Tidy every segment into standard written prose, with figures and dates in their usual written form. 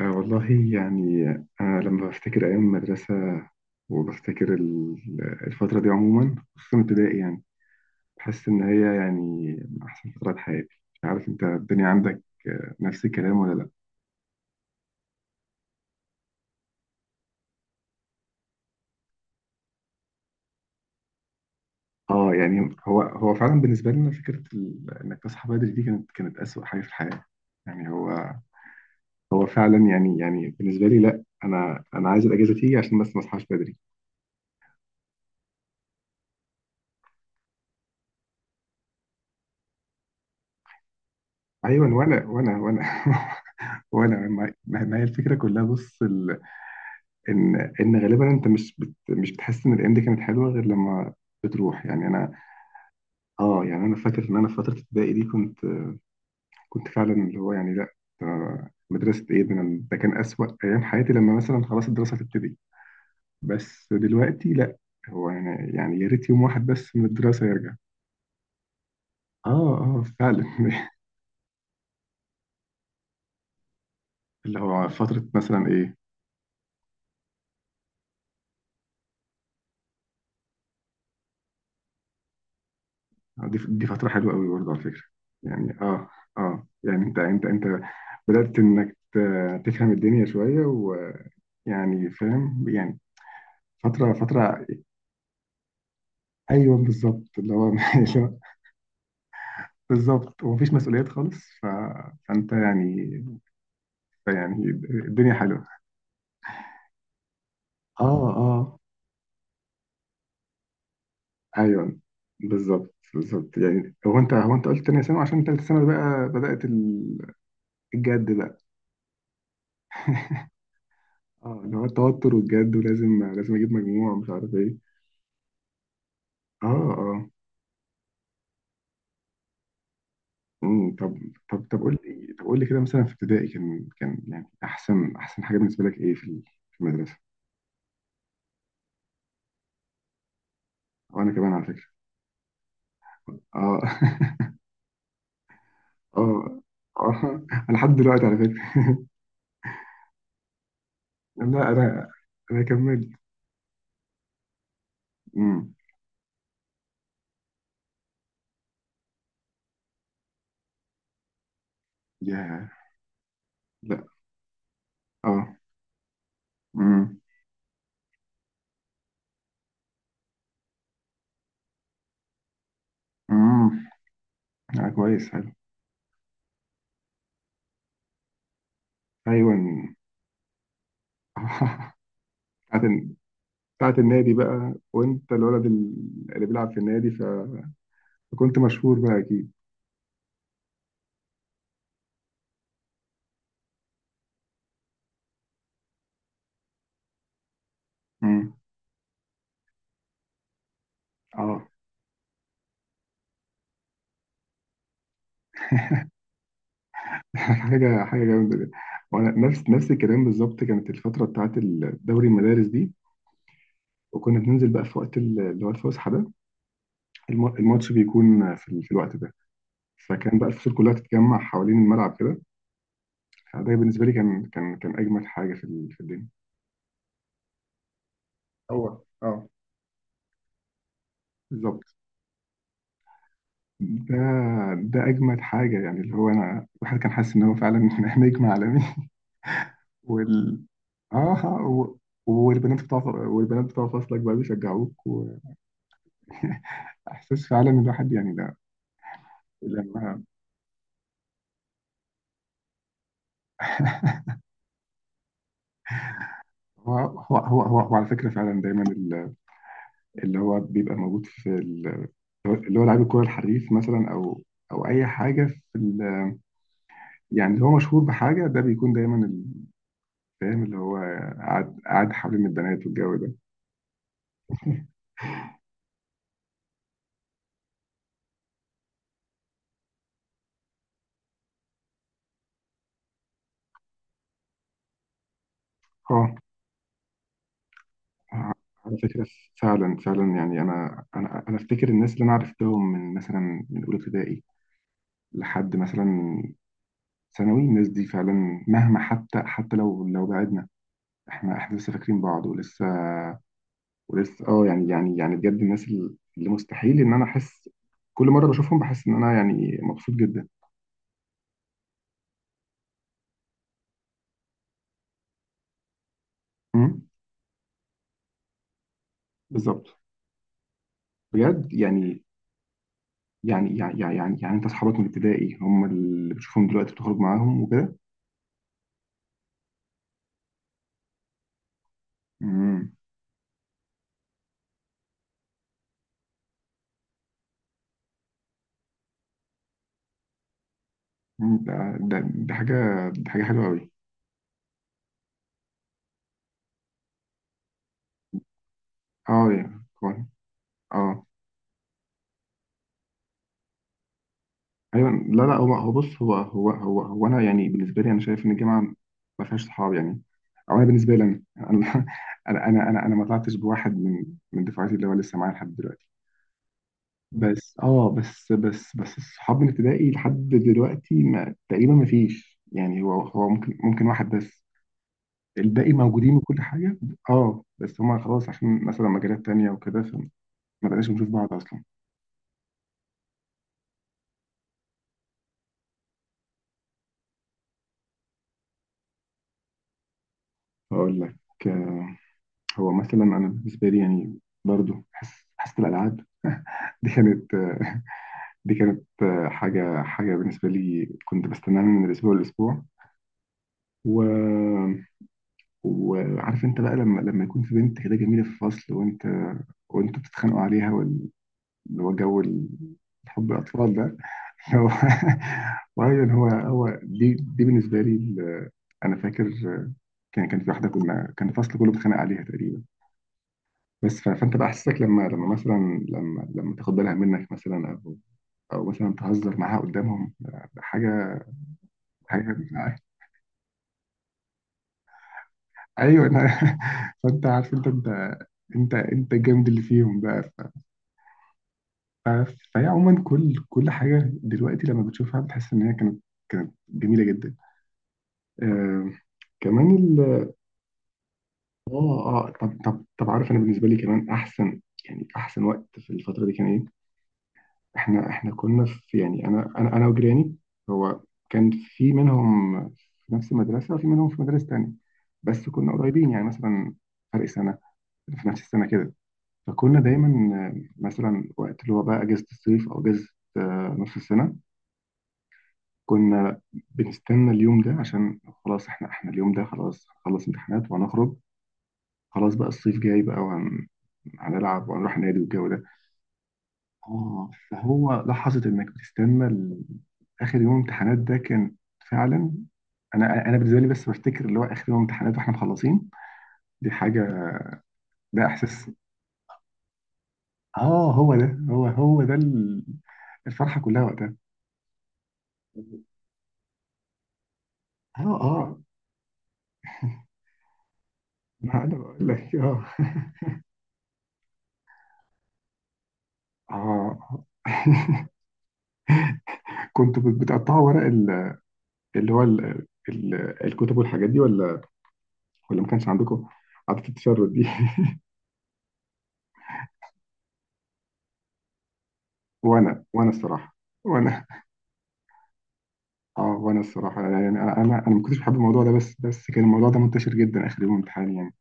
آه والله. يعني أنا لما بفتكر أيام المدرسة وبفتكر الفترة دي عموما، خصوصا ابتدائي، يعني بحس إن هي يعني من أحسن فترات حياتي. مش عارف أنت الدنيا عندك آه، نفس الكلام ولا لأ؟ آه يعني هو فعلا بالنسبة لنا فكرة إنك تصحى بدري دي كانت أسوأ حاجة في الحياة. يعني هو هو فعلا يعني، بالنسبة لي لأ، أنا عايز الأجازة تيجي عشان بس ما أصحاش بدري. أيوه وأنا وأنا ما هي الفكرة كلها. بص، ان غالبا انت مش بتحس ان الايام دي كانت حلوه غير لما بتروح. يعني انا، اه يعني انا فاكر ان انا في فتره ابتدائي دي كنت، فعلا اللي هو يعني لا، ده مدرسه ايه؟ ده كان اسوأ ايام حياتي لما مثلا خلاص الدراسه تبتدي. بس دلوقتي لا، هو يعني، يا ريت يوم واحد بس من الدراسه يرجع. اه اه فعلا. اللي هو فتره مثلا ايه؟ آه، دي فترة حلوة قوي برضه على فكرة. يعني اه، اه يعني انت بدأت انك تفهم الدنيا شوية، ويعني فاهم يعني، فترة. ايوه بالظبط، اللي هو بالظبط، ومفيش مسؤوليات خالص فانت يعني، يعني الدنيا حلوة. اه اه. ايوه بالظبط، بالظبط. يعني هو انت، قلت تانية ثانوي عشان تالتة ثانوي بقى بدأت الجد بقى. اه اللي هو التوتر والجد، ولازم اجيب مجموع مش عارف ايه. اه اه، امم. طب، قول لي، كده مثلا في ابتدائي كان، يعني احسن، حاجه بالنسبه لك ايه في في المدرسه؟ وانا كمان على فكره. اه اه اه أنا لحد دلوقتي على فكره. لا انا، كملت. امم، يا، لا اه، امم. امم آه، كويس، حلو. ايوه بتاعت بتاعت النادي بقى، وانت الولد اللي بيلعب في النادي، فكنت مشهور بقى اكيد. امم، اه. حاجة جامدة جدا. وأنا نفس الكلام بالظبط. كانت الفترة بتاعت الدوري المدارس دي، وكنا بننزل بقى في وقت اللي هو الفسحة ده. الماتش بيكون في، في الوقت ده. فكان بقى الفصول كلها تتجمع حوالين الملعب كده، فده بالنسبة لي كان، كان، أجمد حاجة في في الدنيا. هو اه، بالظبط. ده ده أجمد حاجة، يعني اللي هو أنا الواحد كان حاسس إن هو فعلا نجم عالمي. وال، آه، آه، و، والبنات بتوع، فصلك بقى بيشجعوك. احساس فعلا الواحد يعني ده لما، هو على فكره فعلا دايما اللي هو بيبقى موجود في اللي هو لعيب الكوره الحريف مثلا، او اي حاجه في يعني اللي هو مشهور بحاجه، ده بيكون دايما فاهم اللي هو قاعد حوالين البنات والجو ده. اه على فكره، فعلا يعني انا، افتكر الناس اللي انا عرفتهم من مثلا من اولى ابتدائي لحد مثلا ثانوي، الناس دي فعلا مهما حتى، لو بعدنا، احنا لسه فاكرين بعض، ولسه، اه يعني، بجد الناس اللي مستحيل ان انا احس. كل مره بشوفهم بحس ان انا يعني مبسوط جدا. امم، بالظبط، بجد انت اصحابك من ابتدائي هم اللي بتشوفهم دلوقتي بتخرج معاهم وكده؟ امم، ده ده ده حاجه، ده حاجه حلوه قوي. اه يعني كويس. اه ايوه، لا لا، هو هو بص، هو هو هو هو انا يعني بالنسبه لي انا شايف ان الجامعه ما فيهاش صحاب، يعني او انا بالنسبه لي انا، انا انا انا أنا ما طلعتش بواحد من، دفعتي اللي هو لسه معايا لحد دلوقتي. بس اه، بس بس بس الصحاب من ابتدائي لحد دلوقتي ما تقريبا ما فيش، يعني هو ممكن، واحد بس. الباقي موجودين وكل حاجه، اه، بس هما خلاص عشان مثلا مجالات تانية وكده، فما بقناش بنشوف بعض اصلا. هقول لك، هو مثلا انا بالنسبه لي يعني برضو حس، حاسه الالعاب دي كانت دي كانت حاجه، بالنسبه لي كنت بستناها من الاسبوع للاسبوع. و، وعارف انت بقى لما، يكون في بنت كده جميله في الفصل، وانتوا بتتخانقوا عليها، اللي هو جو حب الاطفال ده. هو، وايضا هو دي بالنسبه لي انا فاكر كان في واحده كنا، كان الفصل كله بيتخانق عليها تقريبا، بس فانت بقى احساسك لما، مثلا لما، تاخد بالها منك مثلا، او مثلا تهزر معاها قدامهم، ده حاجه، حاجه ايوه فانت عارف انت، الجامد اللي فيهم بقى، فهي عموما كل حاجه دلوقتي لما بتشوفها بتحس ان هي كانت، جميله جدا. آه كمان ال، اه اه طب، عارف انا بالنسبه لي كمان احسن، يعني احسن وقت في الفتره دي كان ايه؟ احنا، كنا في يعني انا، وجيراني، هو كان في منهم في نفس المدرسه، وفي منهم في مدارس تانية، بس كنا قريبين يعني مثلا فرق سنه في نفس السنه كده. فكنا دايما آه، مثلا وقت اللي هو بقى اجازه الصيف او اجازه آه، نص السنه، كنا بنستنى اليوم ده عشان خلاص، احنا اليوم ده خلاص هنخلص امتحانات وهنخرج. خلاص بقى الصيف جاي بقى، هنلعب وهنروح نادي والجو ده. اه فهو لحظة انك بتستنى اخر يوم امتحانات ده كان فعلا، انا، بالنسبة لي بس بفتكر اللي هو اخر يوم امتحانات واحنا مخلصين، دي حاجة. ده احساس، اه هو ده، الفرحة كلها وقتها. اه اه، ما انا بقول لك اه. اه كنت بتقطعوا ورق اللي هو الكتب والحاجات دي، ولا ما كانش عندكم عادة التشرد دي؟ وانا وانا الصراحة وانا، اه الصراحه يعني انا ما كنتش بحب الموضوع ده، بس كان الموضوع ده منتشر جدا اخر يوم امتحان يعني.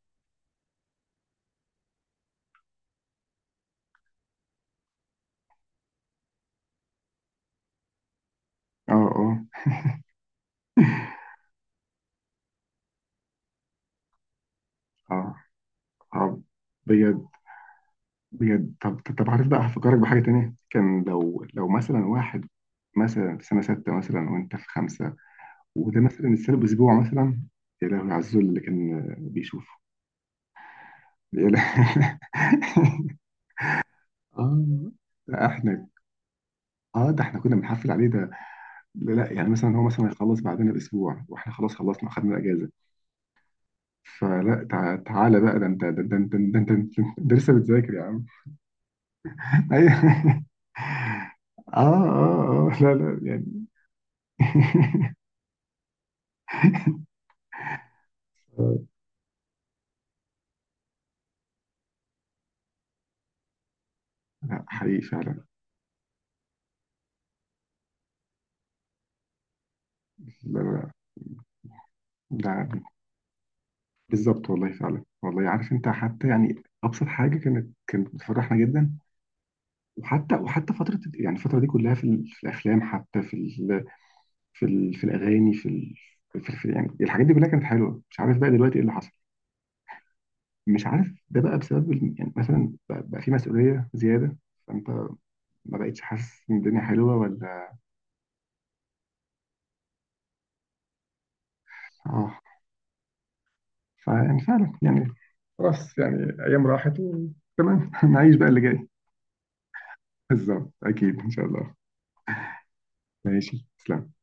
اه اه اه اه، بجد، بجد. طب، عارف بقى، هفكرك بحاجه تانية. كان لو، مثلا واحد مثلا في سنه سته مثلا، وانت في خمسه، وده مثلا السنه باسبوع مثلا، يا لهوي على الذل اللي كان بيشوفه. يا لهوي. اه لا، احنا اه، ده احنا كنا بنحفل عليه ده. لا لا يعني مثلا هو مثلا هيخلص بعدنا باسبوع، واحنا خلاص خلصنا، اخدنا الاجازه، فلا تعالى بقى، ده انت لسه بتذاكر يا عم. ايوه اه اه اه، لا لا يعني. لا حقيقي فعلا، لا لا لا ده بالظبط والله فعلا والله. عارف انت، حتى يعني ابسط حاجه كانت، بتفرحنا جدا. وحتى فتره، يعني الفتره دي كلها في، في الافلام، حتى في ال، في ال، في الاغاني، في، في، في يعني الحاجات دي كلها كانت حلوه. مش عارف بقى دلوقتي ايه اللي حصل. مش عارف ده بقى بسبب يعني مثلا بقى، في مسؤوليه زياده، فانت ما بقتش حاسس ان الدنيا حلوه ولا. اه، فيعني فعلا يعني، خلاص يعني ايام راحت وتمام، نعيش بقى اللي جاي. بالظبط، اكيد ان شاء الله. ماشي، تسلم.